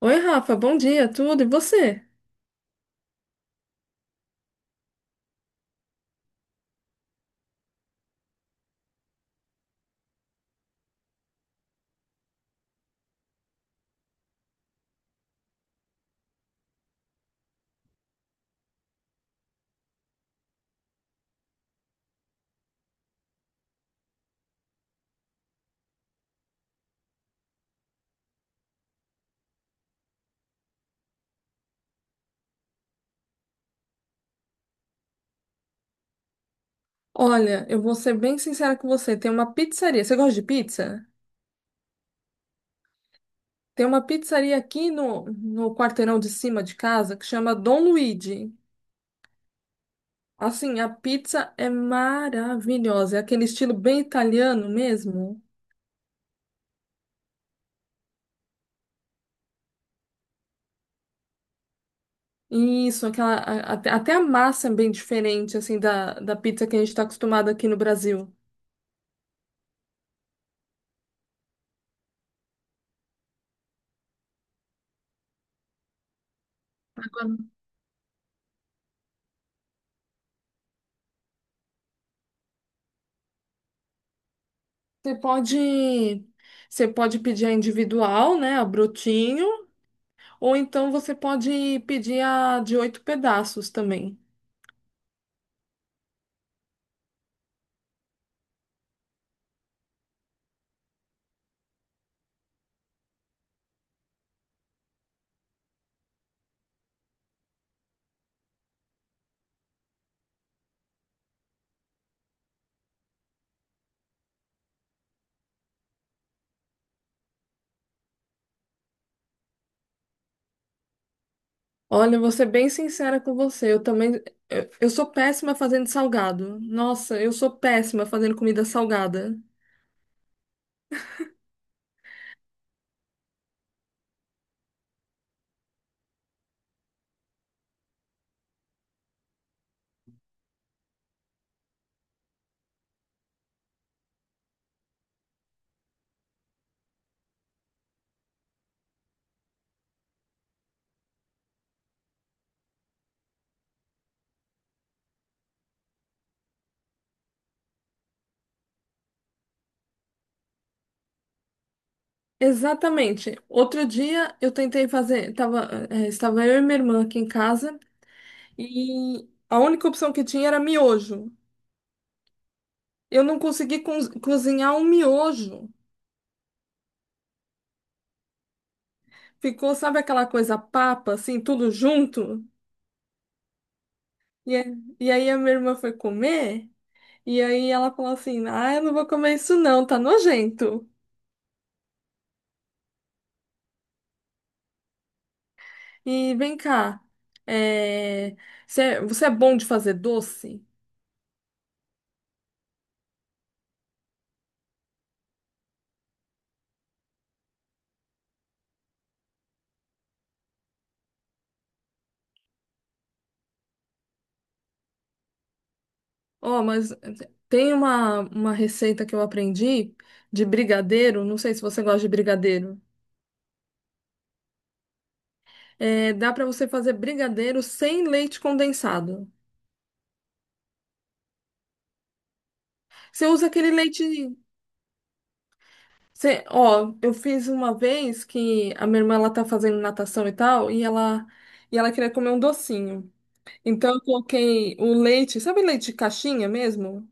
Oi, Rafa, bom dia, tudo e você? Olha, eu vou ser bem sincera com você. Tem uma pizzaria. Você gosta de pizza? Tem uma pizzaria aqui no quarteirão de cima de casa que chama Dom Luigi. Assim, a pizza é maravilhosa. É aquele estilo bem italiano mesmo. Isso, até a massa é bem diferente assim da pizza que a gente está acostumado aqui no Brasil. Você pode, você pode pedir a individual, né, a brotinho. Ou então você pode pedir a de oito pedaços também. Olha, eu vou ser bem sincera com você. Eu também. Eu sou péssima fazendo salgado. Nossa, eu sou péssima fazendo comida salgada. Exatamente. Outro dia eu tentei fazer. Estava eu e minha irmã aqui em casa e a única opção que tinha era miojo. Eu não consegui cozinhar um miojo. Ficou, sabe aquela coisa papa, assim, tudo junto? E, a- e aí a minha irmã foi comer. E aí ela falou assim: "Ah, eu não vou comer isso não, tá nojento." E vem cá, é, você é bom de fazer doce? Ó, mas tem uma receita que eu aprendi de brigadeiro, não sei se você gosta de brigadeiro. É, dá pra você fazer brigadeiro sem leite condensado. Você usa aquele leite. Você, ó, eu fiz uma vez que a minha irmã ela tá fazendo natação e tal, e ela queria comer um docinho. Então, eu coloquei o leite, sabe leite de caixinha mesmo?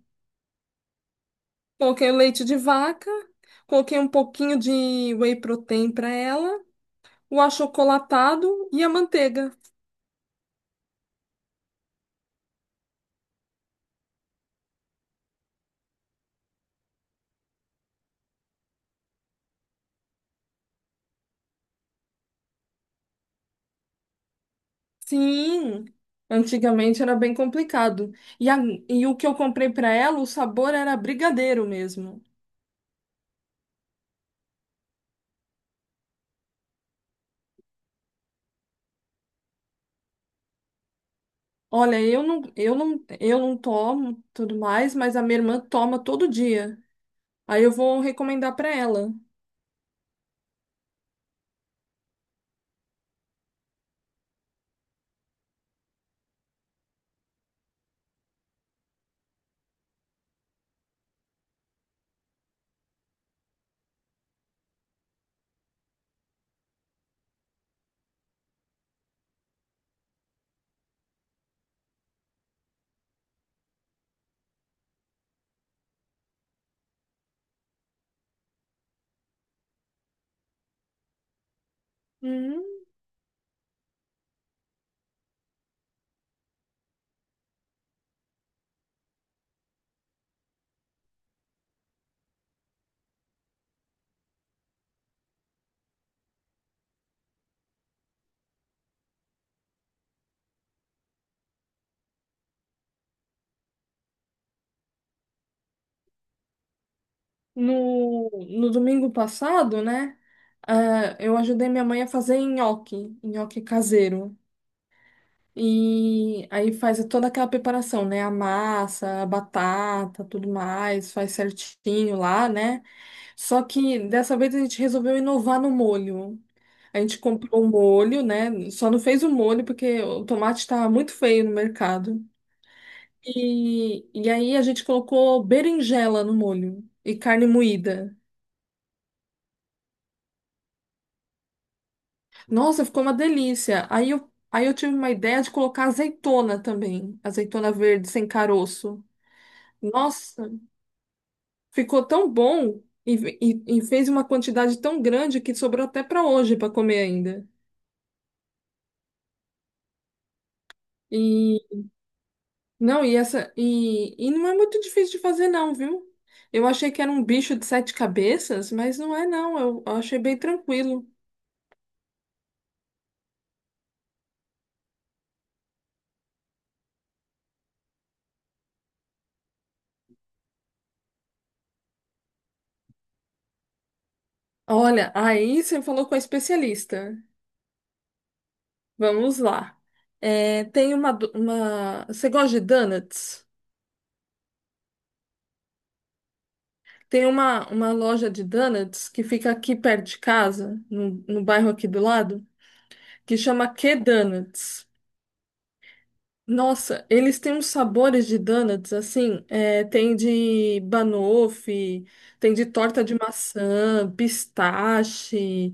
Coloquei o leite de vaca, coloquei um pouquinho de whey protein para ela, o achocolatado e a manteiga. Sim, antigamente era bem complicado. E, a- e o que eu comprei para ela, o sabor era brigadeiro mesmo. Olha, eu não tomo tudo mais, mas a minha irmã toma todo dia. Aí eu vou recomendar para ela. No domingo passado, né? Eu ajudei minha mãe a fazer nhoque, nhoque caseiro. E aí faz toda aquela preparação, né? A massa, a batata, tudo mais, faz certinho lá, né? Só que dessa vez a gente resolveu inovar no molho. A gente comprou o molho, né? Só não fez o molho porque o tomate estava muito feio no mercado. E aí a gente colocou berinjela no molho e carne moída. Nossa, ficou uma delícia. Aí eu tive uma ideia de colocar azeitona também, azeitona verde sem caroço. Nossa, ficou tão bom e, e fez uma quantidade tão grande que sobrou até para hoje para comer ainda. E não, e essa e não é muito difícil de fazer não, viu? Eu achei que era um bicho de sete cabeças, mas não é não. Eu achei bem tranquilo. Olha, aí você falou com a especialista. Vamos lá. É, tem uma. Você gosta de donuts? Tem uma loja de donuts que fica aqui perto de casa, no bairro aqui do lado, que chama Q Donuts. Nossa, eles têm uns sabores de donuts, assim, tem de banoffee, tem de torta de maçã, pistache,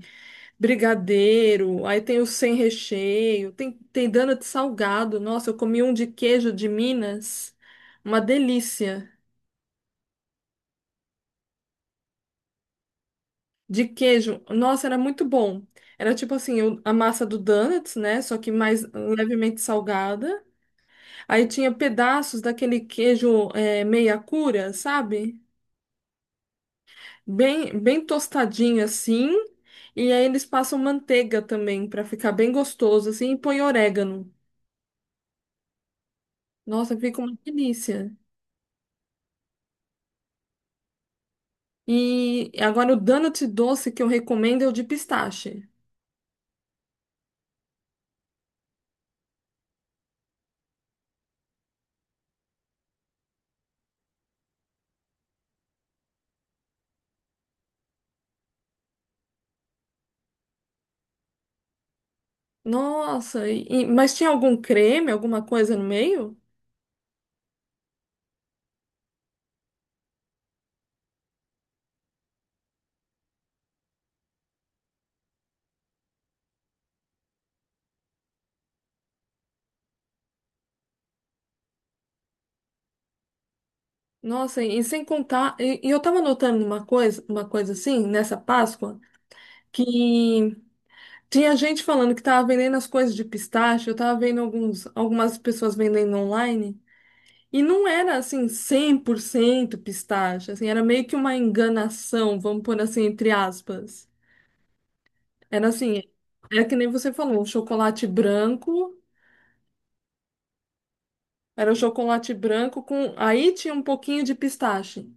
brigadeiro, aí tem o sem recheio, tem donut salgado. Nossa, eu comi um de queijo de Minas, uma delícia. De queijo, nossa, era muito bom. Era tipo assim, a massa do donuts, né? Só que mais levemente salgada. Aí tinha pedaços daquele queijo, meia cura, sabe? Bem, bem tostadinho assim. E aí eles passam manteiga também para ficar bem gostoso assim e põe orégano. Nossa, fica uma delícia. E agora o donut doce que eu recomendo é o de pistache. Nossa, mas tinha algum creme, alguma coisa no meio? Nossa, e sem contar, e eu tava notando uma coisa assim, nessa Páscoa, que tinha gente falando que tava vendendo as coisas de pistache, eu tava vendo algumas pessoas vendendo online. E não era assim 100% pistache, assim, era meio que uma enganação, vamos pôr assim entre aspas. Era assim, era que nem você falou, o chocolate branco, era o chocolate branco com aí tinha um pouquinho de pistache.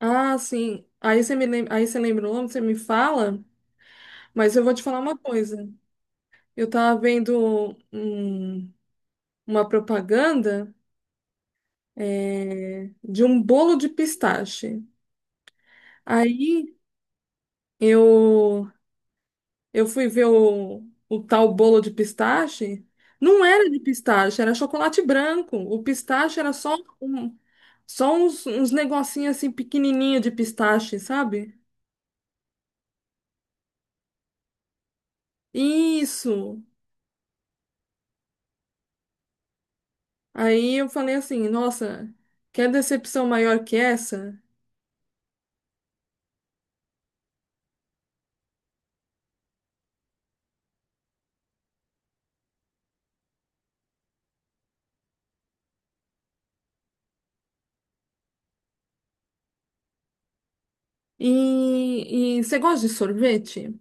Ah, sim. Aí você lembrou, você me fala, mas eu vou te falar uma coisa. Eu tava vendo uma propaganda de um bolo de pistache. Aí eu eu fui ver o tal bolo de pistache. Não era de pistache, era chocolate branco. O pistache era só um, só uns negocinhos assim pequenininho de pistache, sabe? Isso. Aí eu falei assim, nossa, que decepção maior que essa? E você gosta de sorvete?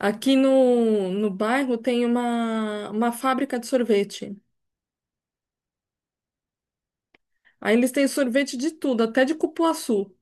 Aqui no bairro tem uma fábrica de sorvete. Aí eles têm sorvete de tudo, até de cupuaçu.